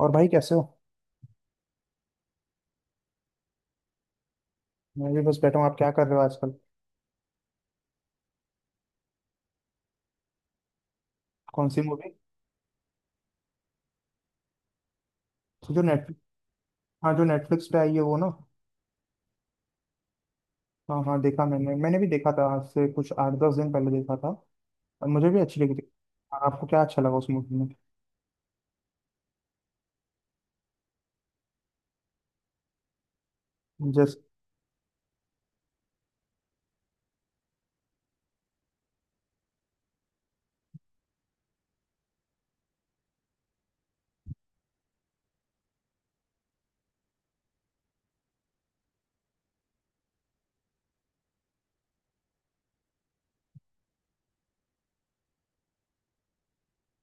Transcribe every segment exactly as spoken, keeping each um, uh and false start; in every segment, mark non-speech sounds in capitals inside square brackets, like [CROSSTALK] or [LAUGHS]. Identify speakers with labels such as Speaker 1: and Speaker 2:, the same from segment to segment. Speaker 1: और भाई कैसे हो? मैं भी बस बैठा हूँ। आप क्या कर रहे हो आजकल? कौन सी मूवी? तो जो नेटफ्लिक्स। हाँ, जो नेटफ्लिक्स पे आई है वो ना। हाँ हाँ, देखा। मैंने मैंने भी देखा था, आज से कुछ आठ दस दिन पहले देखा था। और मुझे भी अच्छी लगी थी। हाँ, आपको क्या अच्छा लगा उस मूवी में? जस्ट।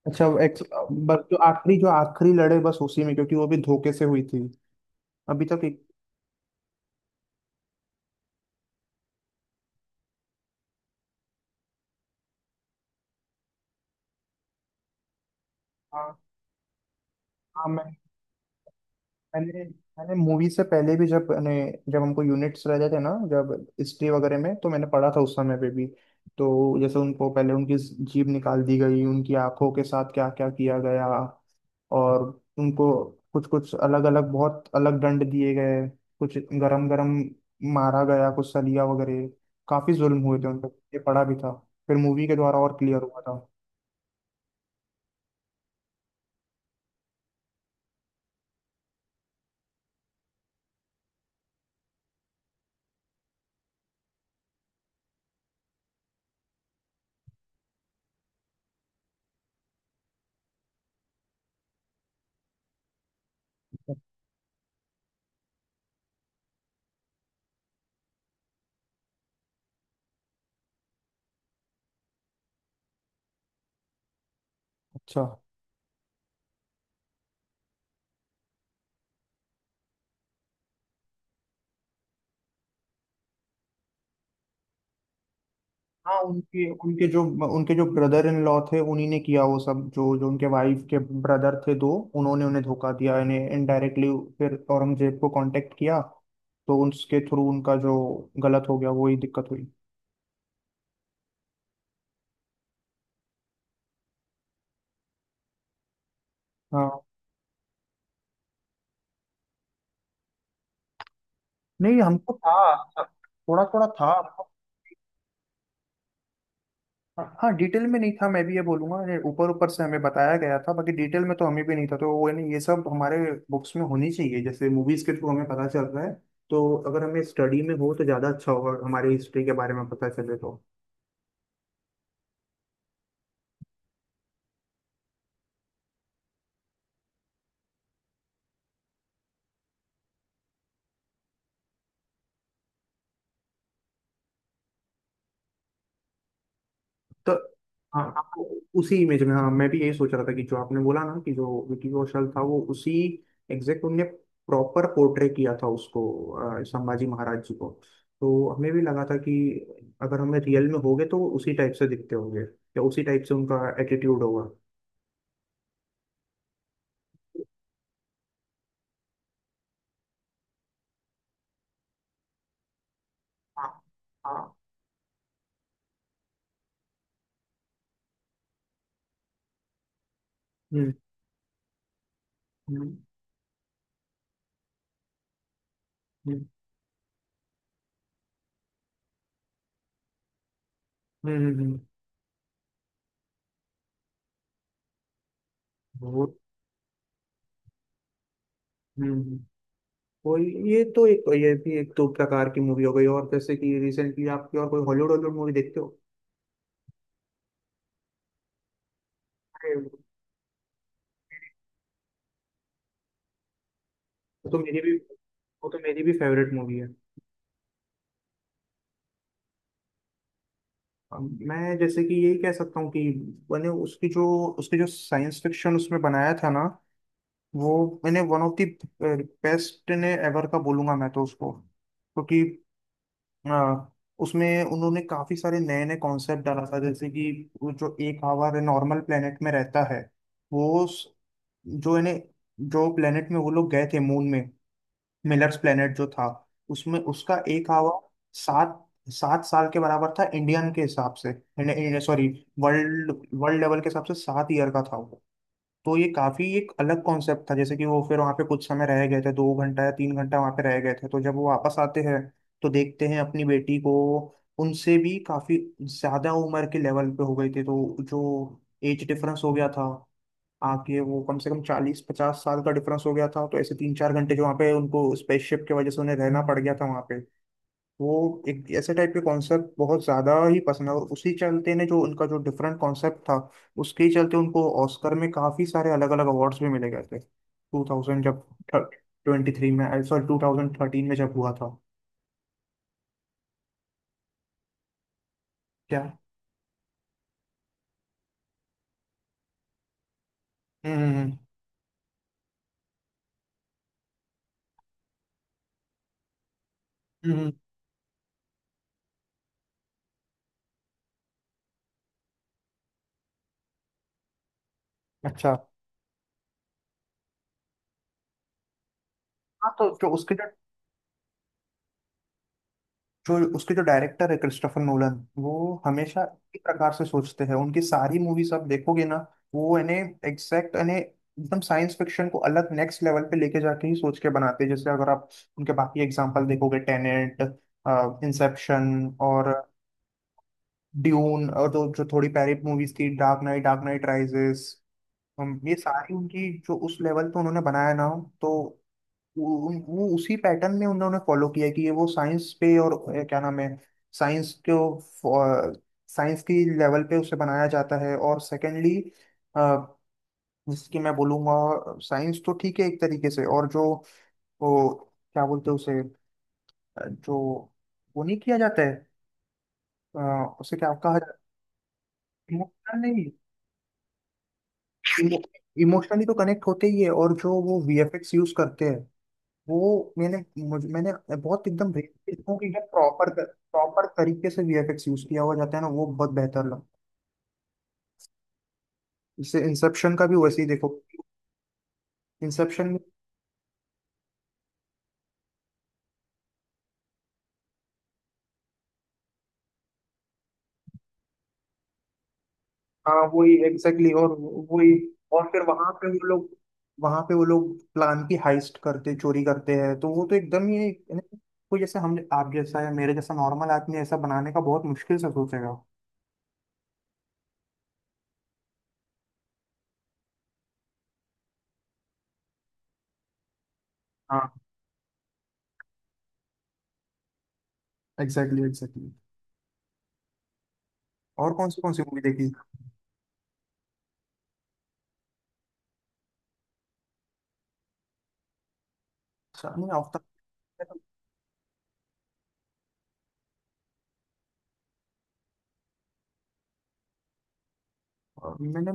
Speaker 1: अच्छा, वो एक। बस जो आखिरी जो आखिरी लड़े बस उसी में, क्योंकि वो भी धोखे से हुई थी। अभी तक एक। हाँ हाँ। मैं मैंने मैंने मूवी से पहले भी, जब मैंने, जब हमको यूनिट्स रहते थे ना, जब हिस्ट्री वगैरह में, तो मैंने पढ़ा था उस समय पे भी। तो जैसे उनको पहले उनकी जीभ निकाल दी गई, उनकी आंखों के साथ क्या क्या किया गया, और उनको कुछ कुछ अलग अलग बहुत अलग दंड दिए गए। कुछ गरम गरम मारा गया, कुछ सलिया वगैरह। काफी जुल्म हुए थे उन पर, ये पढ़ा भी था। फिर मूवी के द्वारा और क्लियर हुआ था। अच्छा। हाँ, उनके उनके जो, उनके जो ब्रदर इन लॉ थे उन्हीं ने किया वो सब, जो जो उनके वाइफ के ब्रदर थे दो। उन्होंने उन्हें धोखा दिया इन्हें, इनडायरेक्टली फिर औरंगजेब को कांटेक्ट किया, तो उसके थ्रू उनका जो गलत हो गया वही दिक्कत हुई। हाँ, नहीं हमको था, थोड़ा थोड़ा था। हाँ हाँ, डिटेल में नहीं था, मैं भी ये बोलूंगा। ये ऊपर ऊपर से हमें बताया गया था, बाकी डिटेल में तो हमें भी नहीं था। तो वो नहीं, ये सब हमारे बुक्स में होनी चाहिए, जैसे मूवीज के थ्रू हमें पता चल रहा है, तो अगर हमें स्टडी में हो तो ज़्यादा अच्छा होगा, हमारी हिस्ट्री के बारे में पता चले तो। तो हाँ, आपको उसी इमेज में। हाँ, मैं भी यही सोच रहा था कि जो आपने बोला ना कि जो विकी कौशल था, वो उसी एग्जैक्ट उनने प्रॉपर पोर्ट्रे किया था उसको, अ, संभाजी महाराज जी को। तो हमें भी लगा था कि अगर हमें रियल में होगे तो वो उसी टाइप से दिखते होंगे, या उसी टाइप से उनका एटीट्यूड होगा। हाँ हाँ। हम्म हम्म हम्म हम्म हम्म, वो। हम्म हम्म। कोई, ये तो एक, ये भी एक तो प्रकार की मूवी हो गई। और जैसे कि रिसेंटली आप कोई और कोई हॉलीवुड हॉलीवुड मूवी देखते हो? वो तो मेरी भी वो तो मेरी भी फेवरेट मूवी है। अम, मैं जैसे कि यही कह सकता हूँ कि मैंने उसकी जो, उसकी जो साइंस फिक्शन उसमें बनाया था ना, वो मैंने वन ऑफ द बेस्ट ने एवर का बोलूंगा मैं तो उसको, क्योंकि अ, उसमें उन्होंने काफी सारे नए नए कॉन्सेप्ट डाला था। जैसे कि वो जो एक आवर नॉर्मल प्लेनेट में रहता है, वो उस- जो इन्हें, जो प्लेनेट में वो लोग गए थे मून में, मिलर्स प्लेनेट जो था, उसमें उसका एक आवर सात सात साल के बराबर था, इंडियन के हिसाब से, सॉरी, वर्ल्ड, वर्ल्ड लेवल के हिसाब से सात ईयर का था वो। तो ये काफी एक अलग कॉन्सेप्ट था, जैसे कि वो फिर वहाँ पे कुछ समय रह गए थे, दो घंटा या तीन घंटा वहाँ पे रह गए थे, तो जब वो वापस आते हैं तो देखते हैं अपनी बेटी को उनसे भी काफी ज्यादा उम्र के लेवल पे हो गई थी। तो जो एज डिफरेंस हो गया था, आके वो कम से कम चालीस पचास साल का डिफरेंस हो गया था। तो ऐसे तीन चार घंटे जो वहाँ पे उनको स्पेसशिप की वजह से उन्हें रहना पड़ गया था वहाँ पे। वो एक ऐसे टाइप के कॉन्सेप्ट बहुत ज्यादा ही पसंद है। और उसी चलते ने जो उनका जो डिफरेंट कॉन्सेप्ट था, उसके ही चलते उनको ऑस्कर में काफी सारे अलग अलग अवार्ड्स भी मिले गए थे, टू थाउजेंड जब ट्वेंटी थ्री में, सॉरी, टू थाउजेंड थर्टीन में जब हुआ था। क्या? हम्म हम्म हम्म, हम्म, हम्म, अच्छा। हाँ, तो जो उसके जो जो उसके जो डायरेक्टर है, क्रिस्टोफर नोलन, वो हमेशा एक प्रकार से सोचते हैं। उनकी सारी मूवीज आप देखोगे ना, वो यानी एग्जैक्ट यानी एकदम साइंस फिक्शन को अलग नेक्स्ट लेवल पे लेके जाके ही सोच के बनाते हैं। जैसे अगर आप उनके बाकी एग्जांपल देखोगे, टेनेंट, इंसेप्शन और ड्यून, और जो जो थोड़ी पहले मूवीज थी, Dark Knight, Dark Knight Rises, ये सारी उनकी जो उस लेवल पे उन्होंने बनाया ना, तो उन- वो उसी पैटर्न में उन्होंने फॉलो किया कि ये वो साइंस पे, और अ, क्या नाम है, साइंस को साइंस की लेवल पे उसे बनाया जाता है। और सेकेंडली, जिसकी मैं बोलूँगा, साइंस तो ठीक है एक तरीके से, और जो वो क्या बोलते हैं उसे, अ, जो वो नहीं किया जाता है, अ, उसे क्या कहा जाता है? इमोशनल नहीं, इमोशनली [LAUGHS] तो कनेक्ट होते ही है। और जो वो वीएफएक्स यूज करते हैं वो मैंने, मुझे मैंने बहुत एकदम basic देखूं कि एकदम प्रॉपर प्रॉपर तरीके से वीएफएक्स यूज किया हुआ जाता है ना, वो बहुत बेहतर लगा। इससे इंसेप्शन का भी वैसे ही देखो। इंसेप्शन में, हाँ वही एग्जैक्टली। और वही, और फिर वहां पे वो लोग वहां पे वो लोग प्लान की हाइस्ट करते, चोरी करते हैं, तो वो तो एकदम ही, यानी कोई जैसे हम आप जैसा या मेरे जैसा नॉर्मल आदमी ऐसा बनाने का बहुत मुश्किल से सोचेगा। हाँ एग्जैक्टली एग्जैक्टली। और कौन सी कौन सी मूवी देखी? अच्छा, नहीं आफ्ताब। मैंने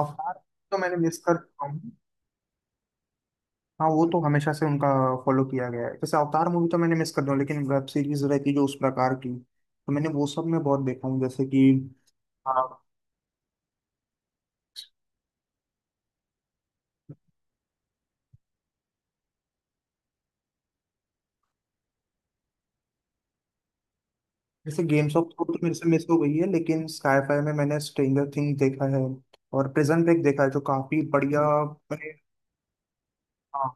Speaker 1: अवतार तो मैंने मिस कर चुका हूँ। हाँ, वो तो हमेशा से उनका फॉलो किया गया है। जैसे अवतार मूवी तो मैंने मिस कर दिया, लेकिन वेब सीरीज रहती है जो उस प्रकार की, तो मैंने वो सब मैं बहुत देखा हूँ जैसे कि, हाँ जैसे गेम्स ऑफ थ्रोन तो मेरे से मिस हो गई है, लेकिन स्काईफाई में मैंने स्ट्रेंजर थिंग्स देखा है और प्रिजन ब्रेक देखा है जो काफी बढ़िया। मैंने, हाँ,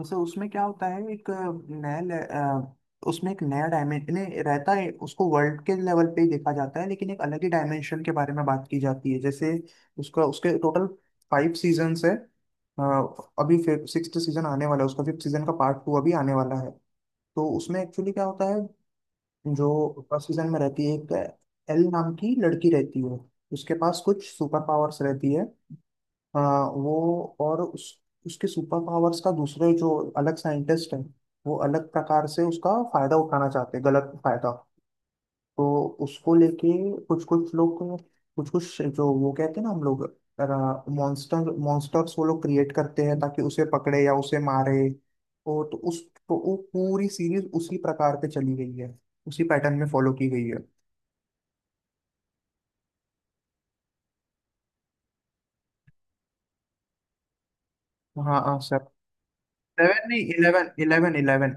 Speaker 1: वैसे उसमें क्या होता है? एक नया ले- अ, उसमें एक नया डायमेंशन रहता है, उसको वर्ल्ड के लेवल पे ही देखा जाता है, लेकिन एक अलग ही डायमेंशन के बारे में बात की जाती है। जैसे उसका, उसके टोटल फाइव सीजन्स है। अ, अभी फिर सिक्स्थ सीजन आने वाला है, उसका फिफ्थ सीजन का पार्ट टू अभी आने वाला है। तो उसमें एक्चुअली क्या होता है, जो फर्स्ट सीजन में रहती है एक, एल नाम की लड़की रहती है, उसके पास कुछ सुपर पावर्स रहती है। हाँ वो, और उस, उसके सुपर पावर्स का दूसरे जो अलग साइंटिस्ट हैं, वो अलग प्रकार से उसका फायदा उठाना चाहते हैं, गलत फायदा। तो उसको लेके कुछ कुछ लोग को- कुछ कुछ जो वो कहते हैं ना, हम लोग मॉन्स्टर, मॉन्स्टर्स वो लोग क्रिएट करते हैं ताकि उसे पकड़े या उसे मारे। वो तो उस तो वो पूरी सीरीज उसी प्रकार पे चली गई है, उसी पैटर्न में फॉलो की गई है। हाँ हाँ सर, इलेवन नहीं, इलेवन इलेवन इलेवन।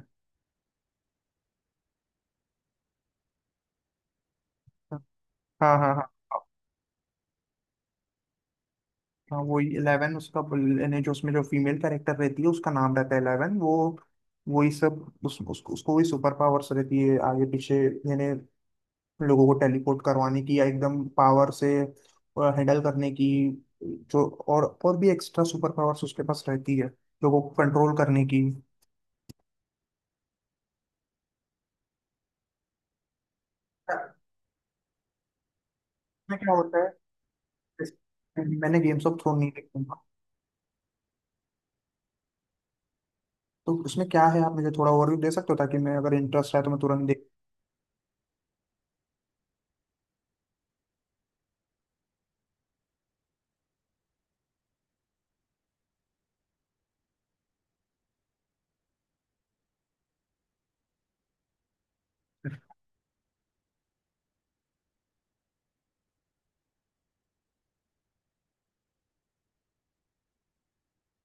Speaker 1: हाँ हाँ हाँ हाँ। वो इलेवन, उसका ने जो उसमें जो फीमेल कैरेक्टर रहती है उसका नाम रहता है इलेवन। वो वही सब उस, उसको उसको वही सुपर पावर्स रहती है आगे पीछे, यानी लोगों को टेलीपोर्ट करवाने की या एकदम पावर से हैंडल करने की, जो और और भी एक्स्ट्रा सुपर पावर्स उसके पास रहती है, लोगों को कंट्रोल करने की। उसमें क्या होता है, मैंने गेम्स ऑफ थ्रोन नहीं देखा, तो उसमें क्या है, आप मुझे थोड़ा ओवरव्यू दे सकते हो ताकि मैं, अगर इंटरेस्ट है तो मैं तुरंत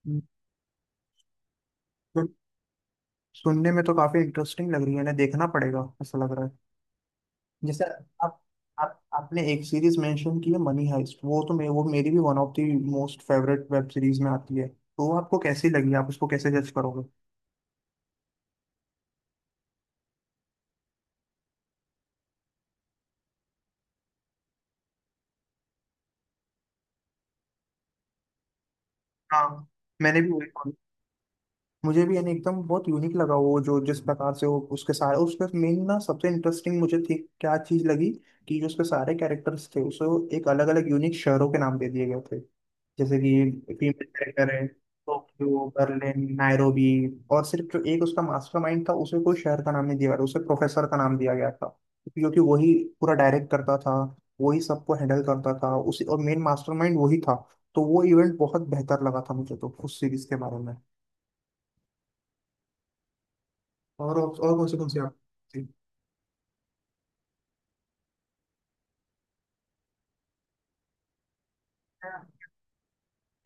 Speaker 1: देख। सुनने में तो काफी इंटरेस्टिंग लग रही है ना, देखना पड़ेगा ऐसा लग रहा है। जैसे आप आप आपने एक सीरीज मेंशन की है, मनी हाइस्ट, वो तो मे, वो मेरी भी one of the most favourite web series में आती है। तो वो आपको कैसी लगी, आप उसको कैसे जज करोगे? हाँ, मैंने भी वही कहा। मुझे भी यानी एकदम बहुत यूनिक लगा वो, जो जिस प्रकार से वो उसके सारे, उसके मेन ना सबसे इंटरेस्टिंग मुझे थी, क्या चीज लगी, कि जो उसके सारे कैरेक्टर्स थे उसे एक अलग अलग यूनिक शहरों के नाम दे दिए गए थे, जैसे कि फीमेल क्रेकर है टोक्यो, बर्लिन, नायरोबी। और सिर्फ जो एक उसका मास्टरमाइंड था, उसे कोई शहर का नाम नहीं दिया गया, उसे प्रोफेसर का नाम दिया गया था, क्योंकि वही पूरा डायरेक्ट करता था, वही सबको हैंडल करता था उसी, और मेन मास्टरमाइंड वही था। तो वो इवेंट बहुत बेहतर लगा था मुझे तो उस सीरीज के बारे में। और और कौन सी कौन सी? आप,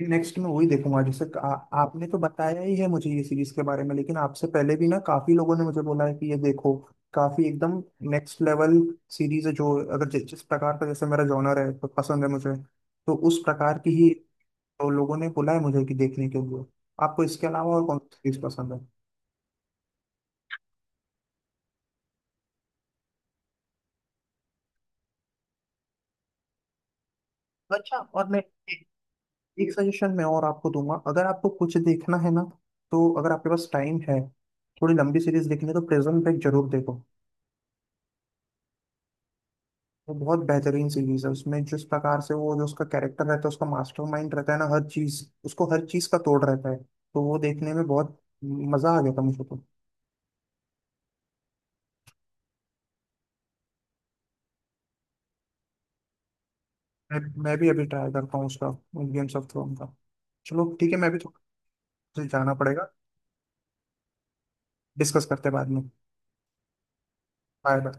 Speaker 1: नेक्स्ट मैं वही देखूंगा। जैसे आ, आपने तो बताया ही है मुझे ये सीरीज के बारे में, लेकिन आपसे पहले भी ना काफी लोगों ने मुझे बोला है कि ये देखो, काफी एकदम नेक्स्ट लेवल सीरीज है, जो अगर जि, जिस प्रकार का, जैसे मेरा जॉनर है, तो पसंद है मुझे, तो उस प्रकार की ही, तो लोगों ने बोला है मुझे कि देखने के लिए। आपको इसके अलावा और कौन सी सीरीज पसंद है? अच्छा, और मैं एक सजेशन मैं और आपको दूंगा, अगर आपको कुछ देखना है ना, तो अगर आपके पास टाइम है, थोड़ी लंबी सीरीज देखनी है, तो प्रिजन ब्रेक जरूर देखो। वो बहुत बेहतरीन सीरीज है, उसमें जिस प्रकार से वो, जो उसका कैरेक्टर रहता है, उसका मास्टरमाइंड रहता है ना, हर चीज उसको, हर चीज का तोड़ रहता है। तो वो देखने में बहुत मजा आ गया था मुझे तो। मैं, मैं भी अभी ट्राई करता हूँ उसका, गेम्स ऑफ थ्रोन का। चलो ठीक है, मैं भी थोड़ा, मुझे जाना पड़ेगा। डिस्कस करते हैं बाद में। Bye bye.